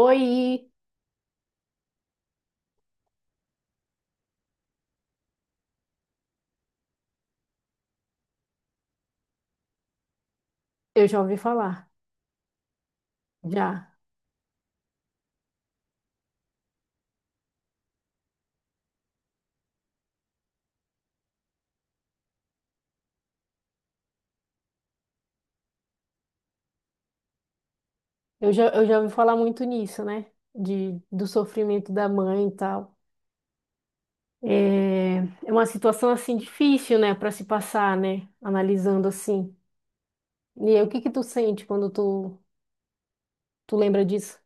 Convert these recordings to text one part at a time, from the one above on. Oi, eu já ouvi falar, já. Eu já ouvi falar muito nisso, né? Do sofrimento da mãe e tal. É, é uma situação assim difícil, né, para se passar, né? Analisando assim. E aí, o que que tu sente quando tu lembra disso?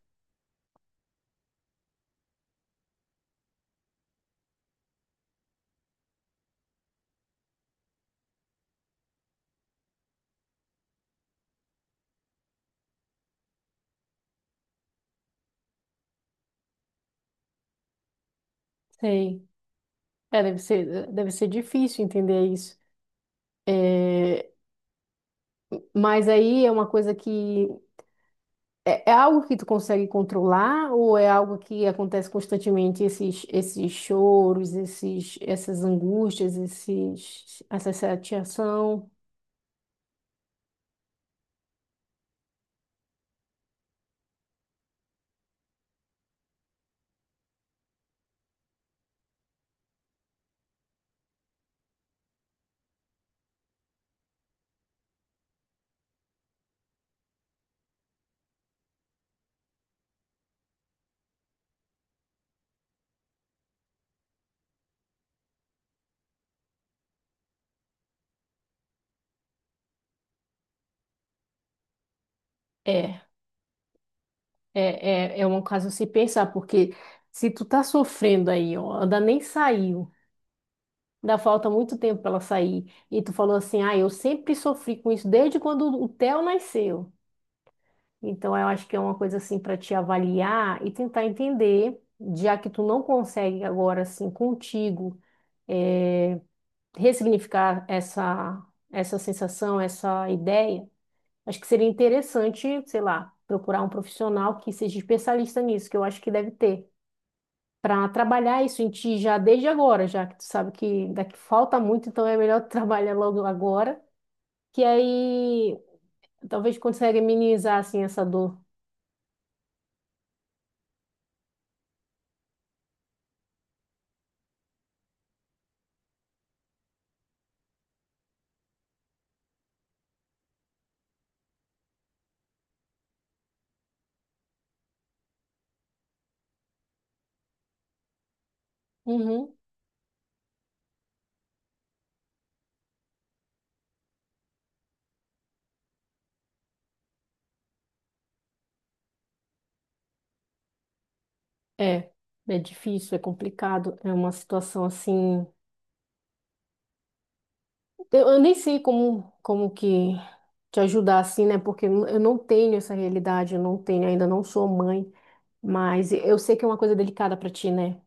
Sei. É, deve ser difícil entender isso. É, mas aí é uma coisa que É, é algo que tu consegue controlar ou é algo que acontece constantemente, esses choros, essas angústias, essa chateação? É, é, é um caso a se pensar, porque se tu tá sofrendo aí, ó, ainda nem saiu, ainda falta muito tempo pra ela sair, e tu falou assim, ah, eu sempre sofri com isso desde quando o Theo nasceu. Então, eu acho que é uma coisa assim para te avaliar e tentar entender, já que tu não consegue agora assim contigo é, ressignificar essa sensação, essa ideia, acho que seria interessante, sei lá, procurar um profissional que seja especialista nisso, que eu acho que deve ter, para trabalhar isso em ti já desde agora, já que tu sabe que daqui falta muito, então é melhor tu trabalhar logo agora, que aí talvez consiga minimizar assim essa dor. Uhum. É, é difícil, é complicado, é uma situação assim. Eu nem sei como que te ajudar assim, né? Porque eu não tenho essa realidade, eu não tenho, ainda não sou mãe, mas eu sei que é uma coisa delicada pra ti, né?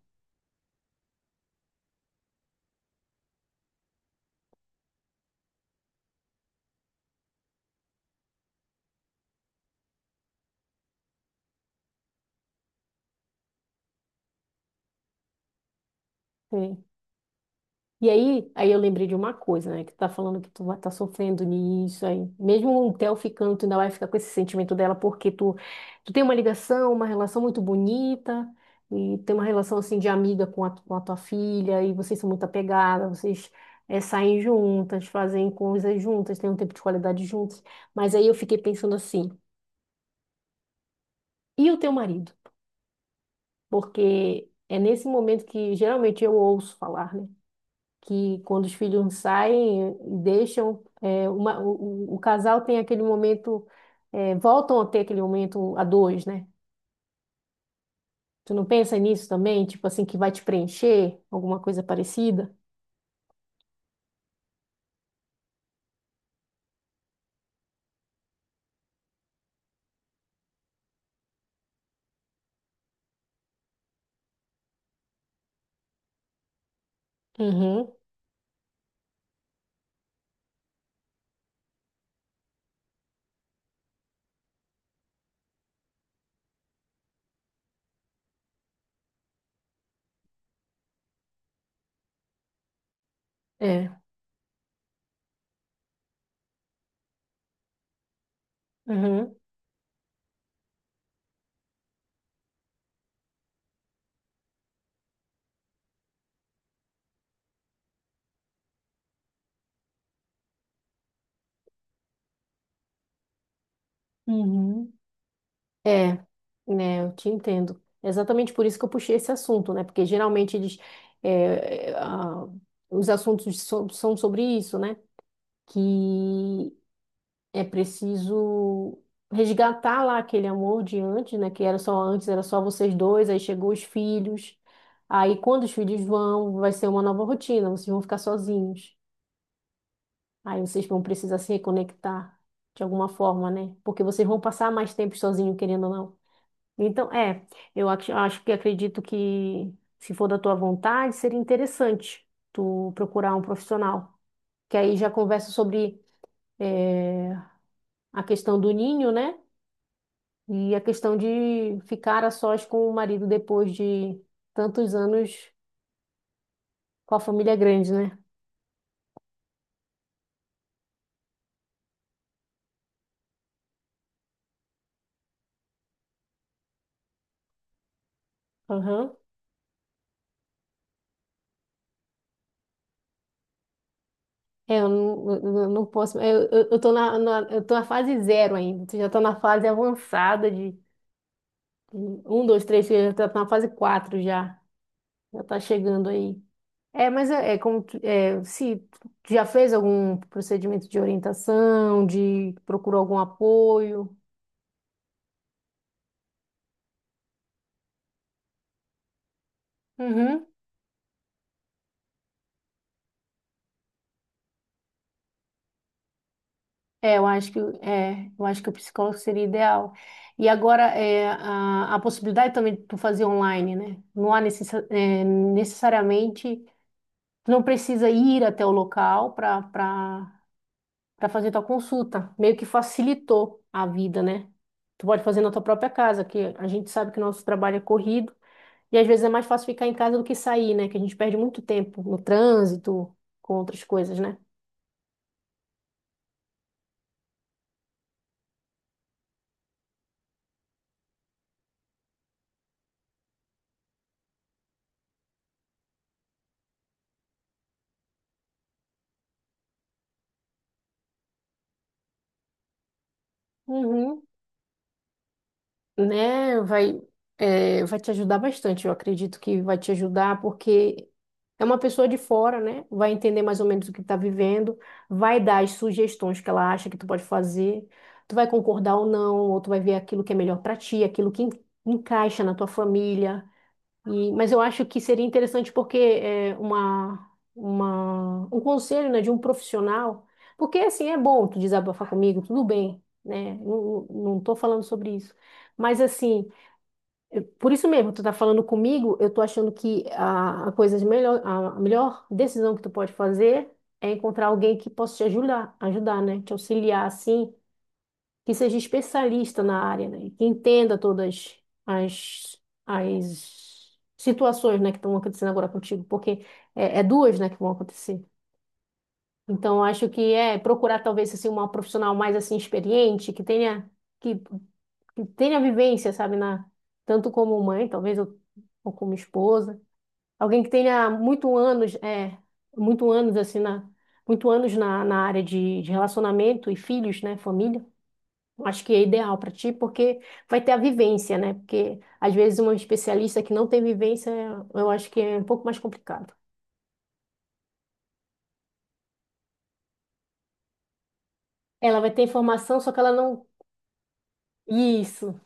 Aí eu lembrei de uma coisa, né? Que tu tá falando que tu vai tá sofrendo nisso aí. Mesmo o Theo ficando, tu ainda vai ficar com esse sentimento dela porque tu tem uma ligação, uma relação muito bonita e tem uma relação assim de amiga com a tua filha, e vocês são muito apegadas, vocês saem juntas, fazem coisas juntas, têm um tempo de qualidade juntas. Mas aí eu fiquei pensando assim, e o teu marido? Porque é nesse momento que geralmente eu ouço falar, né? Que quando os filhos saem, deixam o casal tem aquele momento, é, voltam a ter aquele momento a dois, né? Tu não pensa nisso também? Tipo assim, que vai te preencher, alguma coisa parecida? Uhum, é. Uhum, uhum. É, né, eu te entendo. Exatamente por isso que eu puxei esse assunto, né? Porque geralmente eles, é, é, a- os são sobre isso, né? Que é preciso resgatar lá aquele amor de antes, né? Que era só antes, era só vocês dois, aí chegou os filhos. Aí quando os filhos vão, vai ser uma nova rotina, vocês vão ficar sozinhos. Aí vocês vão precisar se reconectar de alguma forma, né? Porque vocês vão passar mais tempo sozinhos, querendo ou não. Então, é, eu acho que acredito que, se for da tua vontade, seria interessante tu procurar um profissional, que aí já conversa sobre eh, a questão do ninho, né? E a questão de ficar a sós com o marido depois de tantos anos com a família grande, né? Aham. É, eu não posso. Eu tô eu tô na fase zero ainda. Tu já tá na fase avançada de um, dois, três, tu já tá na fase quatro já. Já tá chegando aí. É, mas é, é como é, se tu já fez algum procedimento de orientação, de procurou algum apoio. Uhum. É, eu acho que o psicólogo seria ideal. E agora é a possibilidade também de tu fazer online, né? Não há necessariamente, tu não precisa ir até o local para fazer tua consulta. Meio que facilitou a vida, né? Tu pode fazer na tua própria casa, que a gente sabe que o nosso trabalho é corrido. E às vezes é mais fácil ficar em casa do que sair, né? Que a gente perde muito tempo no trânsito, com outras coisas, né? Uhum. Né? Vai te ajudar bastante, eu acredito que vai te ajudar, porque é uma pessoa de fora, né? Vai entender mais ou menos o que está vivendo, vai dar as sugestões que ela acha que tu pode fazer, tu vai concordar ou não, ou tu vai ver aquilo que é melhor para ti, aquilo que encaixa na tua família. Mas eu acho que seria interessante porque é, um conselho, né, de um profissional, porque assim é bom tu desabafar comigo, tudo bem, né? Não tô falando sobre isso. Mas assim, por isso mesmo, tu tá falando comigo, eu tô achando que a a melhor decisão que tu pode fazer é encontrar alguém que possa te ajudar, né? Te auxiliar assim, que seja especialista na área, né? Que entenda todas as, as situações, né, que estão acontecendo agora contigo, porque é, é duas, né, que vão acontecer. Então, acho que é procurar talvez assim uma profissional mais assim experiente, que tenha que, que tenha vivência, sabe, na tanto como mãe, talvez, ou como esposa, alguém que tenha muito anos, é, muito anos assim na muito anos na área de relacionamento e filhos, né, família. Acho que é ideal para ti, porque vai ter a vivência, né? Porque às vezes uma especialista que não tem vivência, eu acho que é um pouco mais complicado. Ela vai ter informação, só que ela não. Isso.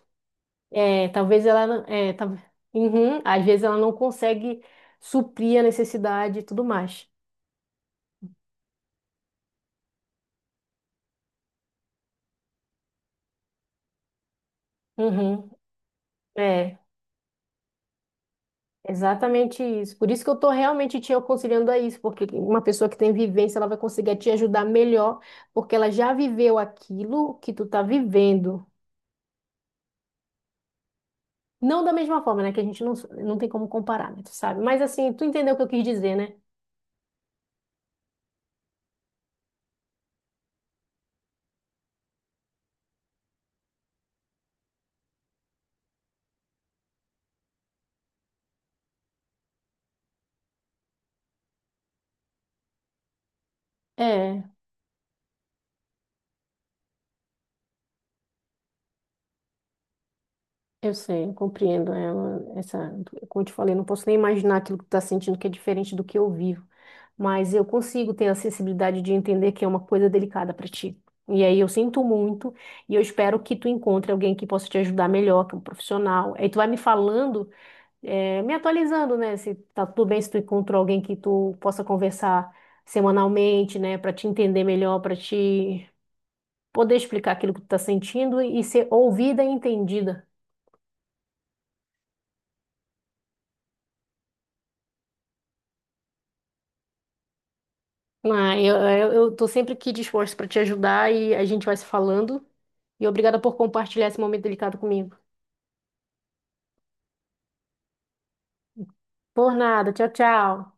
É, talvez ela. Não- É, tal- uhum. Às vezes ela não consegue suprir a necessidade e tudo mais. Uhum. É, exatamente isso. Por isso que eu estou realmente te aconselhando a isso, porque uma pessoa que tem vivência, ela vai conseguir te ajudar melhor, porque ela já viveu aquilo que tu tá vivendo. Não da mesma forma, né? Que a gente não, não tem como comparar, né? Tu sabe? Mas assim, tu entendeu o que eu quis dizer, né? É, eu sei, eu compreendo. Essa, como eu te falei, eu não posso nem imaginar aquilo que tu tá sentindo, que é diferente do que eu vivo. Mas eu consigo ter a sensibilidade de entender que é uma coisa delicada para ti. E aí eu sinto muito, e eu espero que tu encontre alguém que possa te ajudar melhor, que é um profissional. Aí tu vai me me atualizando, né? Se tá tudo bem, se tu encontrou alguém que tu possa conversar semanalmente, né? Pra te entender melhor, pra te poder explicar aquilo que tu tá sentindo e ser ouvida e entendida. Ah, eu tô sempre aqui disposto pra te ajudar e a gente vai se falando. E obrigada por compartilhar esse momento delicado comigo. Por nada, tchau, tchau.